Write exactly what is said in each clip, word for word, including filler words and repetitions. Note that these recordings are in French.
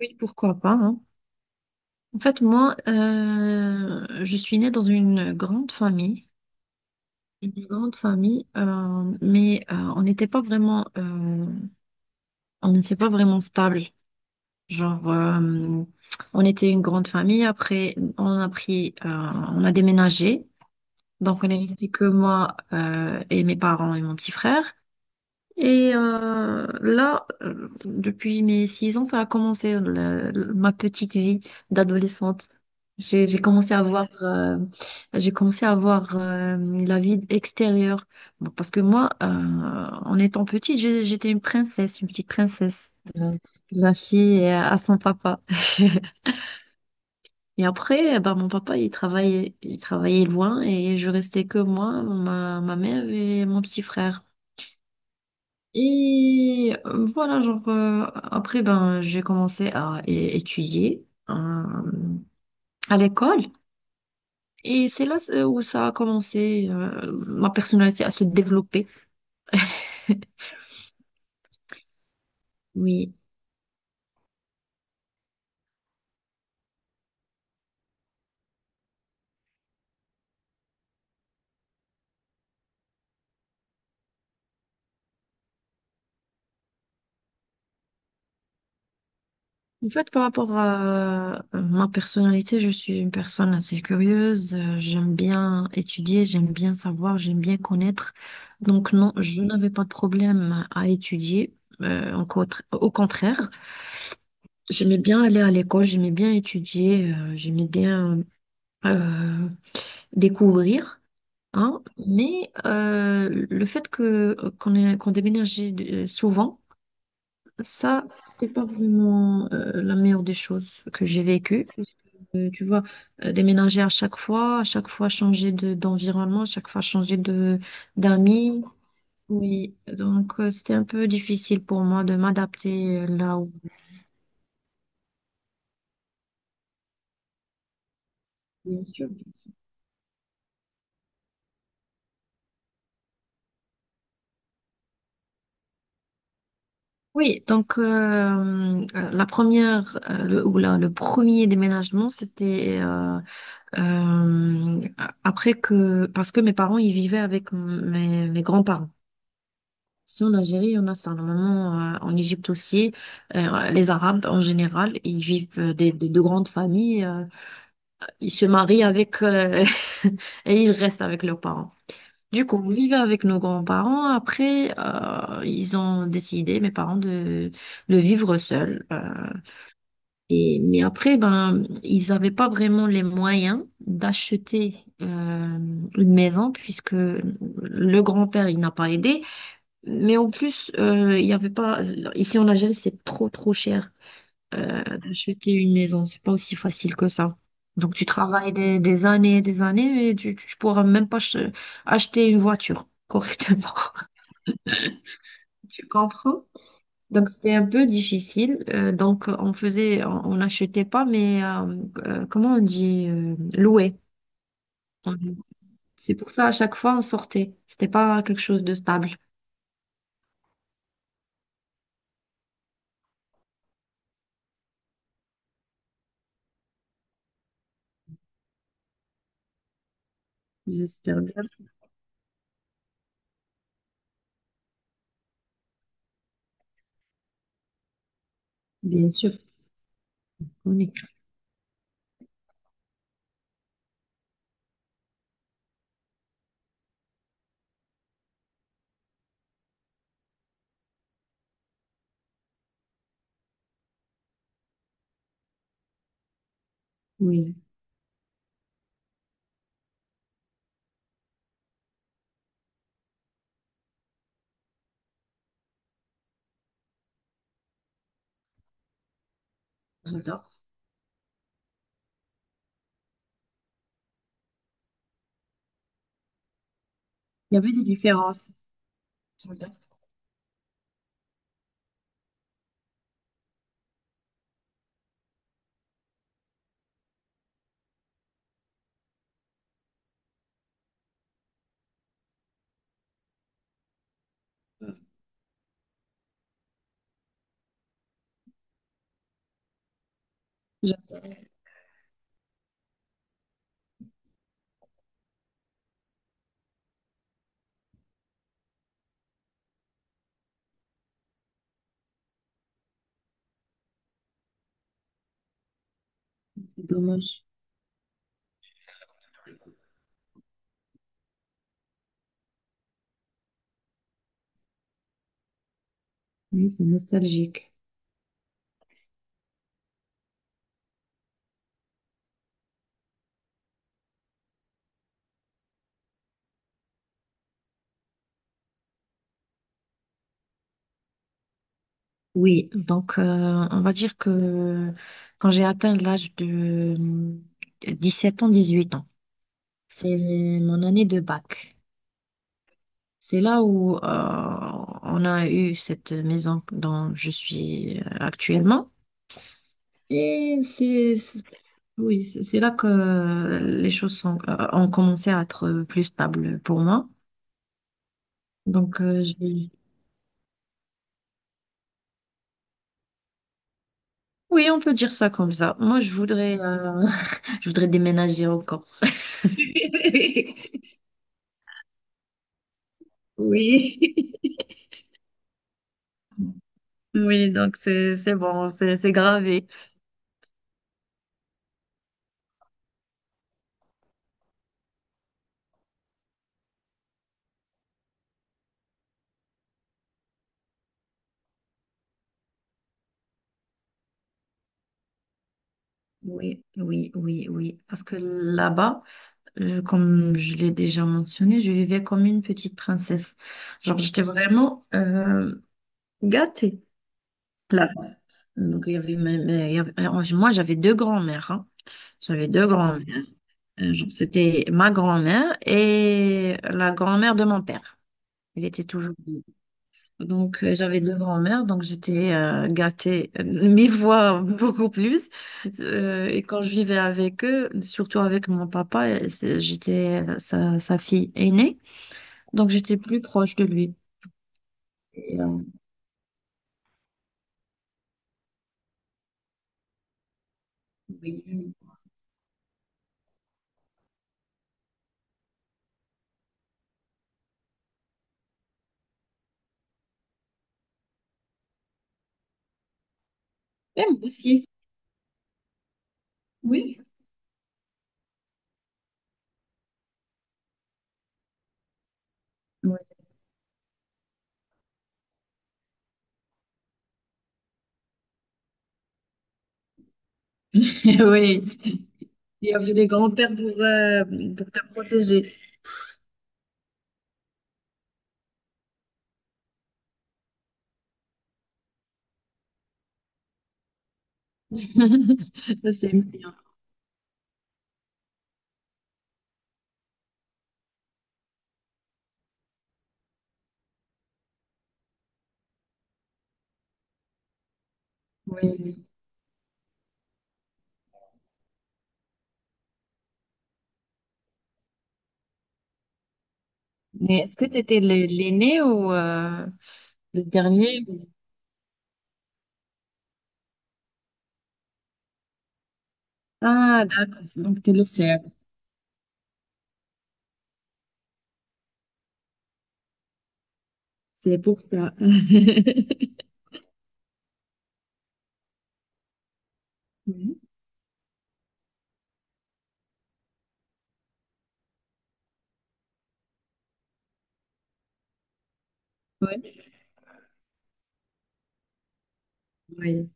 Oui, pourquoi pas, hein. En fait, moi, euh, je suis née dans une grande famille, une grande famille, euh, mais euh, on n'était pas vraiment, euh, on n'était pas vraiment stable. Genre, euh, on était une grande famille. Après, on a pris, euh, on a déménagé, donc on est resté que moi euh, et mes parents et mon petit frère. Et euh, là, euh, depuis mes six ans, ça a commencé le- le- ma petite vie d'adolescente. J'ai j'ai commencé à voir, euh, j'ai commencé à voir euh, la vie extérieure. Bon, parce que moi, euh, en étant petite, j'ai- j'étais une princesse, une petite princesse, euh, la fille euh, à son papa. Et après, bah, mon papa, il travaillait, il travaillait loin et je restais que moi, ma, ma mère et mon petit frère. Et euh, voilà, genre, euh, après, ben, j'ai commencé à é- étudier euh, à l'école. Et c'est là euh, où ça a commencé, euh, ma personnalité à se développer. Oui. En fait, par rapport à euh, ma personnalité, je suis une personne assez curieuse. Euh, J'aime bien étudier, j'aime bien savoir, j'aime bien connaître. Donc, non, je n'avais pas de problème à étudier, euh, au contra- au contraire. J'aimais bien aller à l'école, j'aimais bien étudier, euh, j'aimais bien euh, découvrir, hein, mais euh, le fait que qu'on ait- qu'on déménageait euh, souvent, ça, c'était pas vraiment euh, la meilleure des choses que j'ai vécues, parce que, euh, tu vois, euh, déménager à chaque fois, à chaque fois changer de d'environnement, à chaque fois changer de d'amis. Oui, donc euh, c'était un peu difficile pour moi de m'adapter euh, là où. Bien sûr. Oui, donc euh, euh, la première euh, le, ou la- le premier déménagement, c'était euh, euh, après que parce que mes parents ils vivaient avec m- mes, mes grands-parents. Ici en Algérie, on a ça normalement, euh, en Égypte aussi. Euh, les Arabes en général, ils vivent euh, des, des- de grandes familles, euh, ils se marient avec euh, et ils restent avec leurs parents. Du coup, on vivait avec nos grands-parents. Après, euh, ils ont décidé, mes parents, de, de vivre seuls. Euh, et, mais après, ben, ils n'avaient pas vraiment les moyens d'acheter euh, une maison puisque le grand-père, il n'a pas aidé. Mais en plus, euh, il y avait pas... Ici en Algérie, c'est trop, trop cher euh, d'acheter une maison. C'est pas aussi facile que ça. Donc, tu travailles des, des années et des années, mais tu, tu pourras même pas ch- acheter une voiture correctement. Tu comprends? Donc, c'était un peu difficile. Euh, donc, on faisait, on on n'achetait pas, mais euh, euh, comment on dit, euh, louer. On- C'est pour ça, à chaque fois, on sortait. C'était pas quelque chose de stable. J'espère bien. Bien sûr, on est. Oui, j'adore. Il y avait des différences. J'adore. J'adore. C'est dommage. Oui, c'est nostalgique. Oui, donc euh, on va dire que quand j'ai atteint l'âge de hum, sept ans, dix-huit ans, c'est mon année de bac. C'est là où euh, on a eu cette maison dont je suis euh, actuellement. Et c'est, c'est- oui, c'est c'est là que les choses sont, euh, ont commencé à être plus stables pour moi. Donc euh, j'ai oui, on peut dire ça comme ça. Moi, je voudrais, euh, je voudrais déménager encore. Oui, oui, donc c'est c'est bon, c'est c'est gravé. Oui, oui, oui, oui. Parce que là-bas, euh, comme je l'ai déjà mentionné, je vivais comme une petite princesse. Genre, j'étais vraiment euh, gâtée là-bas. Donc, il y avait mes- mes- il y avait- alors, moi, j'avais deux grands-mères, hein. J'avais deux grands-mères. Euh, genre, C'était ma grand-mère et la grand-mère de mon père. Il était toujours vide. Donc, euh, j'avais deux grands-mères, donc j'étais euh, gâtée euh, mille fois beaucoup plus. Euh, et quand je vivais avec eux, surtout avec mon papa, euh, c'est- j'étais euh, sa, sa fille aînée, donc j'étais plus proche de lui. Et, euh, oui. Et moi aussi, oui. Oui. Oui. Il y avait des grands-pères pour, euh, pour te protéger. Ça, c'est bien. Oui. Mais est-ce que tu étais l'aîné ou euh, le dernier? Ah, d'accord. c'est- Donc, t'es l'océan. C'est pour ça. Oui, oui.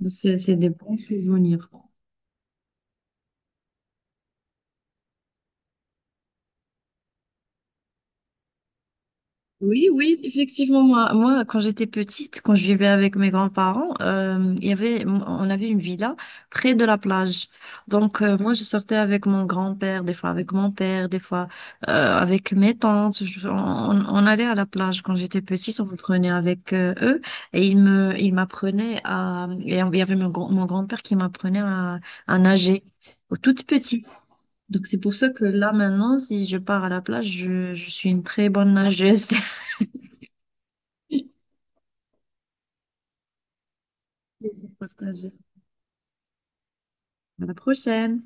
Donc, C'est c'est des bons souvenirs. Oui, oui, effectivement, moi, moi, quand j'étais petite, quand je vivais avec mes grands-parents, euh, il y avait, on avait une villa près de la plage. Donc, euh, moi, je sortais avec mon grand-père, des fois avec mon père, des fois euh, avec mes tantes. Je- on, on allait à la plage quand j'étais petite, on me prenait avec euh, eux et ils me, ils m'apprenaient à, et il y avait mon, grand- mon grand-père qui m'apprenait à, à nager. Toute petite. Donc c'est pour ça que là maintenant, si je pars à la plage, je, je suis une très bonne nageuse. Plaisir partagé. À la prochaine.